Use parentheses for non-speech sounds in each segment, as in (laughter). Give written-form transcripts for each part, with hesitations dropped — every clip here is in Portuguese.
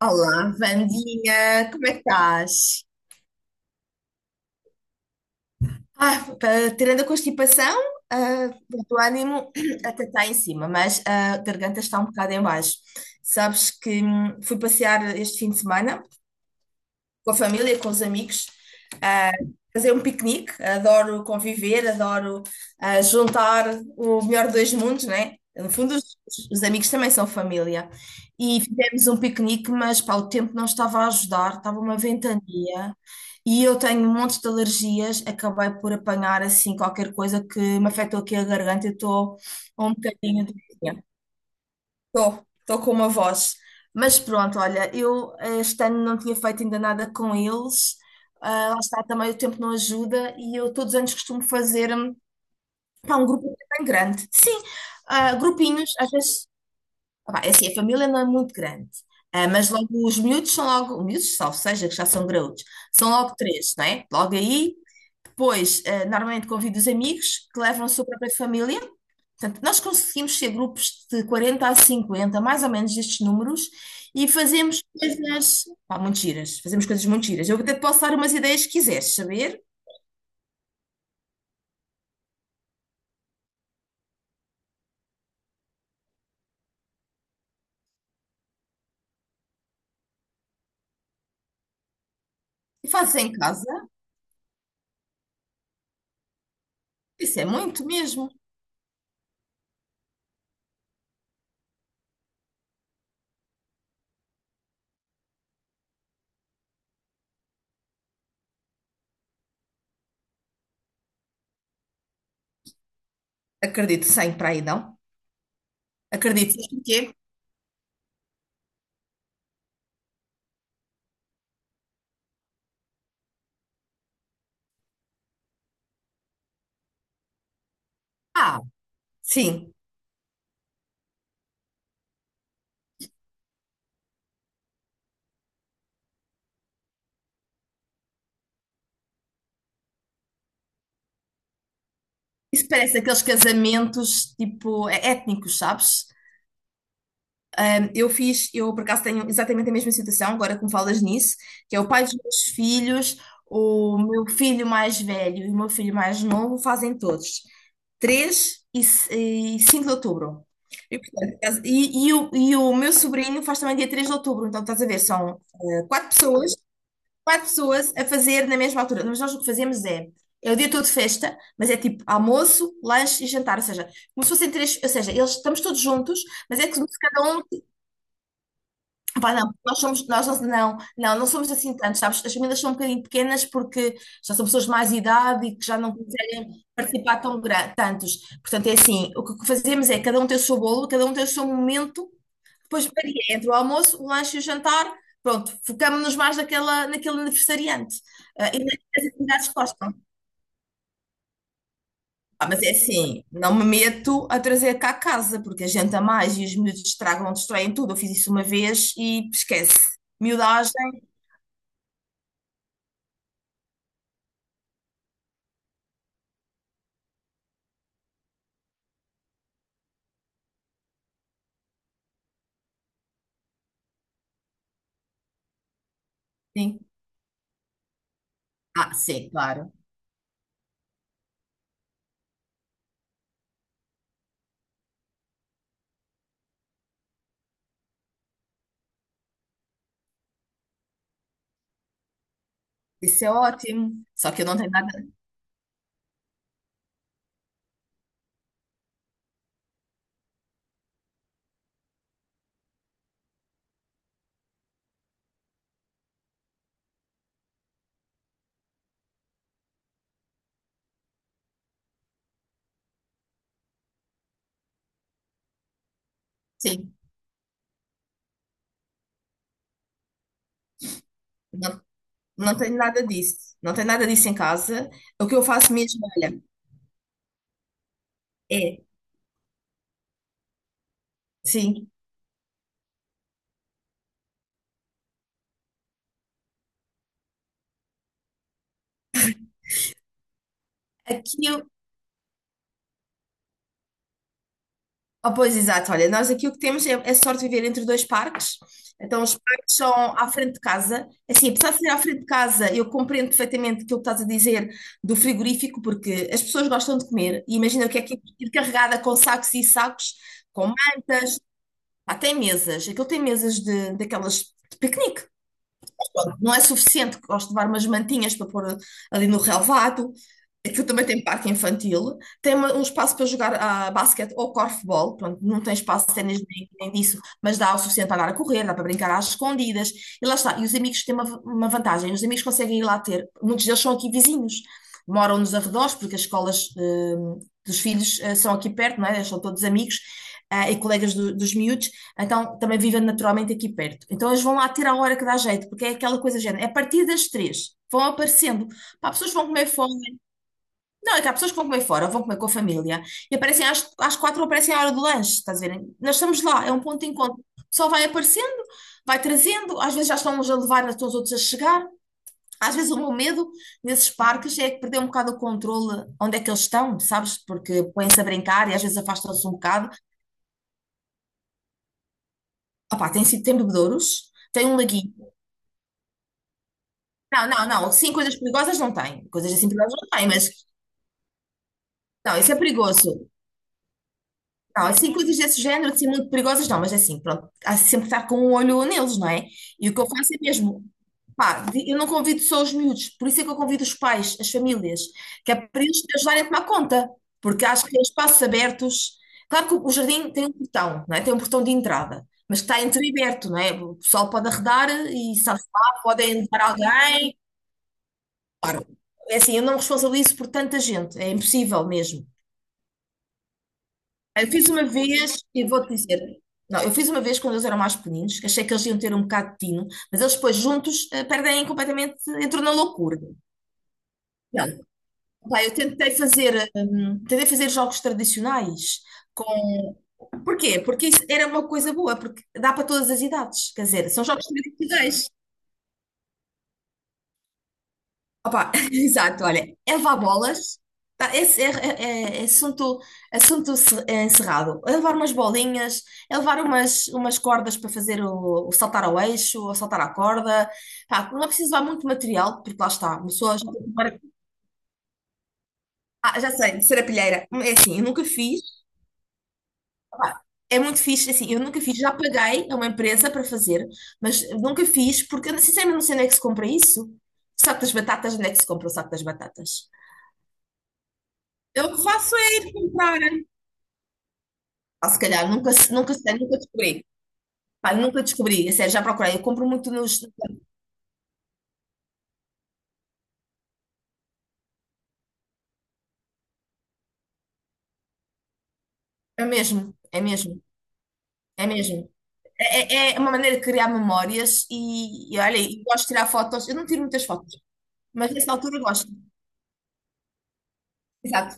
Olá, Vandinha, como é que estás? Tirando a constipação, o teu ânimo (clears throat) até está em cima, mas a garganta está um bocado em baixo. Sabes que fui passear este fim de semana com a família, com os amigos, ah, fazer um piquenique. Adoro conviver, adoro juntar o melhor dos mundos, né? No fundo, os amigos também são família. E fizemos um piquenique, mas pá, o tempo não estava a ajudar, estava uma ventania. E eu tenho um monte de alergias, acabei por apanhar assim qualquer coisa que me afetou aqui a garganta, eu estou um bocadinho doente. Estou com uma voz. Mas pronto, olha, eu este ano não tinha feito ainda nada com eles. Ah, lá está, também o tempo não ajuda e eu todos os anos costumo fazer pá, um grupo bem grande. Sim, grupinhos, às vezes, pá, é assim, a família não é muito grande. Ah, mas logo os miúdos são logo miúdos, salvo seja, que já são graúdos, são logo três, não é? Logo aí, depois, normalmente convido os amigos que levam a sua própria família. Portanto, nós conseguimos ser grupos de 40 a 50, mais ou menos destes números, e fazemos coisas, pá, muito giras, fazemos coisas muito giras. Eu até te posso dar umas ideias, que quiseres saber, e fazes em casa, isso é muito mesmo. Acredito, sem para aí não. Acredito em quê? Ah, sim. Isso parece aqueles casamentos, tipo, étnicos, sabes? Eu fiz, eu por acaso tenho exatamente a mesma situação, agora que me falas nisso, que é o pai dos meus filhos, o meu filho mais velho e o meu filho mais novo fazem todos, 3 e 5 de outubro. E, portanto, e o meu sobrinho faz também dia 3 de outubro, então estás a ver, são quatro pessoas a fazer na mesma altura. Mas nós o que fazemos é o dia todo de festa, mas é tipo almoço, lanche e jantar, ou seja, como se fossem três, ou seja, eles estamos todos juntos, mas é como se cada um. Pá, não, nós somos, nós não, não, não, não somos assim tantos, sabes? As famílias são um bocadinho pequenas porque já são pessoas de mais idade e que já não conseguem participar tão tantos. Portanto, é assim, o que fazemos é cada um tem o seu bolo, cada um tem o seu momento, depois varia entre o almoço, o lanche e o jantar, pronto, focamos-nos mais naquela, naquele aniversariante. E nas atividades que gostam. Ah, mas é assim, não me meto a trazer cá a casa, porque a gente a mais e os miúdos estragam, destroem tudo. Eu fiz isso uma vez e esquece. Miudagem, sim. Ah, sim, claro. Isso é ótimo. Só que eu não tenho nada. Sim, não, não tenho nada disso. Não tenho nada disso em casa. O que eu faço mesmo, olha, é, sim, aqui. Ah, pois, exato. Olha, nós aqui o que temos é sorte de viver entre dois parques. Então, os parques são à frente de casa. Assim, apesar de ser à frente de casa, eu compreendo perfeitamente aquilo que estás a dizer do frigorífico, porque as pessoas gostam de comer. E imagina o que é ir carregada com sacos e sacos, com pá, tem mesas, aquilo tem mesas de, daquelas de piquenique. Pronto, não é suficiente, gosto de levar umas mantinhas para pôr ali no relvado. Aquilo também tem parque infantil. Tem um espaço para jogar basquete ou corfball. Pronto, não tem espaço de ténis nem, disso, mas dá o suficiente para andar a correr, dá para brincar às escondidas. E lá está. E os amigos têm uma vantagem: os amigos conseguem ir lá ter. Muitos deles são aqui vizinhos, moram nos arredores, porque as escolas dos filhos são aqui perto, não é? Eles são todos amigos e colegas dos miúdos. Então, também vivem naturalmente aqui perto. Então, eles vão lá ter a hora que dá jeito, porque é aquela coisa do género. É a partir das três, vão aparecendo. Pá, pessoas que vão comer fora. Não, é que há pessoas que vão comer fora, vão comer com a família. E aparecem às quatro, ou aparecem à hora do lanche, estás a ver? Nós estamos lá, é um ponto de encontro. Só vai aparecendo, vai trazendo, às vezes já estão uns a levar, já estão os outros a chegar. Às vezes o meu medo nesses parques é perder um bocado o controle onde é que eles estão, sabes? Porque põem-se a brincar e às vezes afastam-se um bocado. Ah pá, tem sido, tem bebedouros, tem um laguinho. Não, não, não. Sim, coisas perigosas não tem. Coisas assim perigosas não tem, mas não, isso é perigoso. Não, assim, coisas desse género, assim, muito perigosas não, mas é assim, pronto, há sempre que estar com um olho neles, não é? E o que eu faço é mesmo, pá, eu não convido só os miúdos, por isso é que eu convido os pais, as famílias, que é para eles te ajudarem a tomar conta, porque acho que em espaços abertos, claro que o jardim tem um portão, não é? Tem um portão de entrada, mas que está entreaberto, não é? O pessoal pode arredar e safar, podem levar alguém, claro. É assim, eu não me responsabilizo por tanta gente, é impossível mesmo. Eu fiz uma vez, e vou-te dizer, não, eu fiz uma vez quando eles eram mais pequeninos, que achei que eles iam ter um bocado de tino, mas eles depois juntos perdem completamente, entram na loucura. Não, pá, eu tentei fazer jogos tradicionais com... Porquê? Porque isso era uma coisa boa, porque dá para todas as idades, quer dizer, são jogos tradicionais. Opa, (laughs) exato, olha, Eva Bolas, tá, esse é assunto, é encerrado. É levar umas bolinhas, é levar umas cordas para fazer o saltar ao eixo, ou saltar à corda. Pá, não é preciso levar muito material, porque lá está, uma pessoa já tem que levar. Ah, já sei, serapilheira. É assim, eu nunca fiz. Pá, é muito fixe, assim, eu nunca fiz, já paguei a uma empresa para fazer, mas nunca fiz, porque eu sinceramente não sei onde é que se compra isso. O saco das batatas, onde é que se compra o saco das batatas? Eu que faço é ir comprar. Ah, se calhar, nunca, nunca, sei, nunca descobri. Pá, nunca descobri. É sério, já procurei. Eu compro muito nos. É mesmo, é mesmo, é mesmo. É uma maneira de criar memórias e olha, e gosto de tirar fotos. Eu não tiro muitas fotos, mas nessa altura eu gosto. Exato.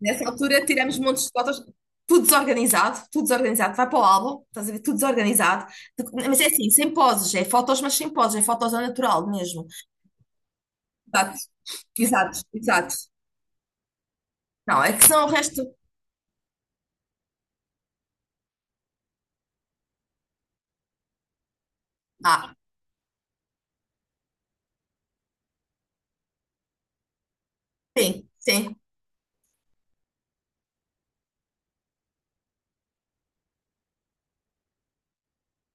Nessa altura tiramos montes de fotos, tudo desorganizado, tudo desorganizado. Vai para o álbum, estás a ver, tudo desorganizado. Mas é assim, sem poses, é fotos, mas sem poses, é fotos ao natural mesmo. Exato, exato, exato. Não, é que são o resto. Ah, sim, sim.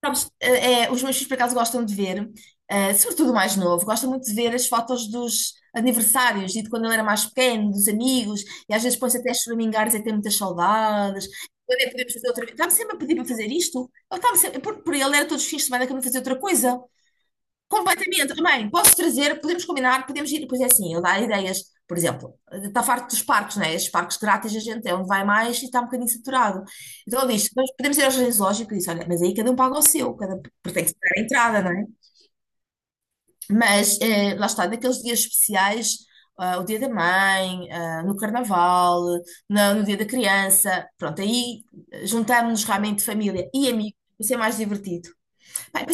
Sabes, os meus filhos, por acaso, gostam de ver, sobretudo o mais novo, gostam muito de ver as fotos dos aniversários e de quando ele era mais pequeno, dos amigos, e às vezes põe-se até a choramingar e dizer que tem muitas saudades. Quando é que podemos fazer outra vez? Está-me sempre a pedir para fazer isto. Ele estava sempre, por ele era todos os fins de semana que eu me fazia outra coisa. Completamente, também. Posso trazer, podemos combinar, podemos ir, pois é assim, eu dar ideias. Por exemplo, está farto dos parques, né? Estes parques grátis, a gente é onde vai mais e está um bocadinho saturado. Então ele diz: "Nós podemos ir ao jardim zoológico", e disse, olha, mas aí cada um paga o seu, cada, porque tem que se dar a entrada, não é? Mas lá está, naqueles dias especiais, o Dia da Mãe, no Carnaval, no Dia da Criança, pronto, aí juntamos-nos realmente família e amigos, isso é mais divertido. Bem,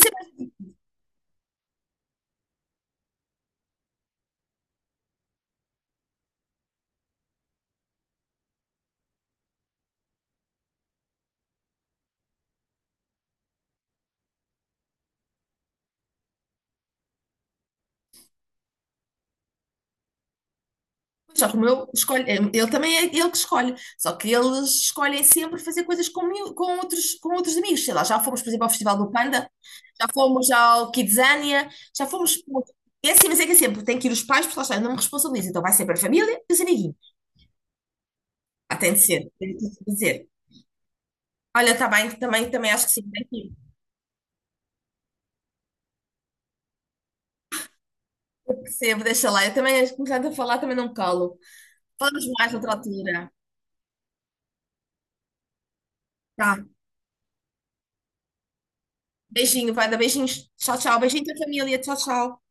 mas só que o meu escolhe, ele também é ele que escolhe, só que eles escolhem sempre fazer coisas com, com outros amigos, sei lá, já fomos, por exemplo, ao Festival do Panda, já fomos ao Kidzania, já fomos. É assim, mas é que é sempre, tem que ir os pais, porque lá está, eu não me responsabilizo, então vai sempre a família e os amiguinhos. Ah, tem de ser, tem de dizer. Olha, está bem, também, também acho que sim, tem que ir. Percebo, deixa lá, eu também, começando a falar, também não me calo. Falamos mais noutra altura. Tá, beijinho, vai dar beijinhos, tchau, tchau, beijinho da família, tchau, tchau.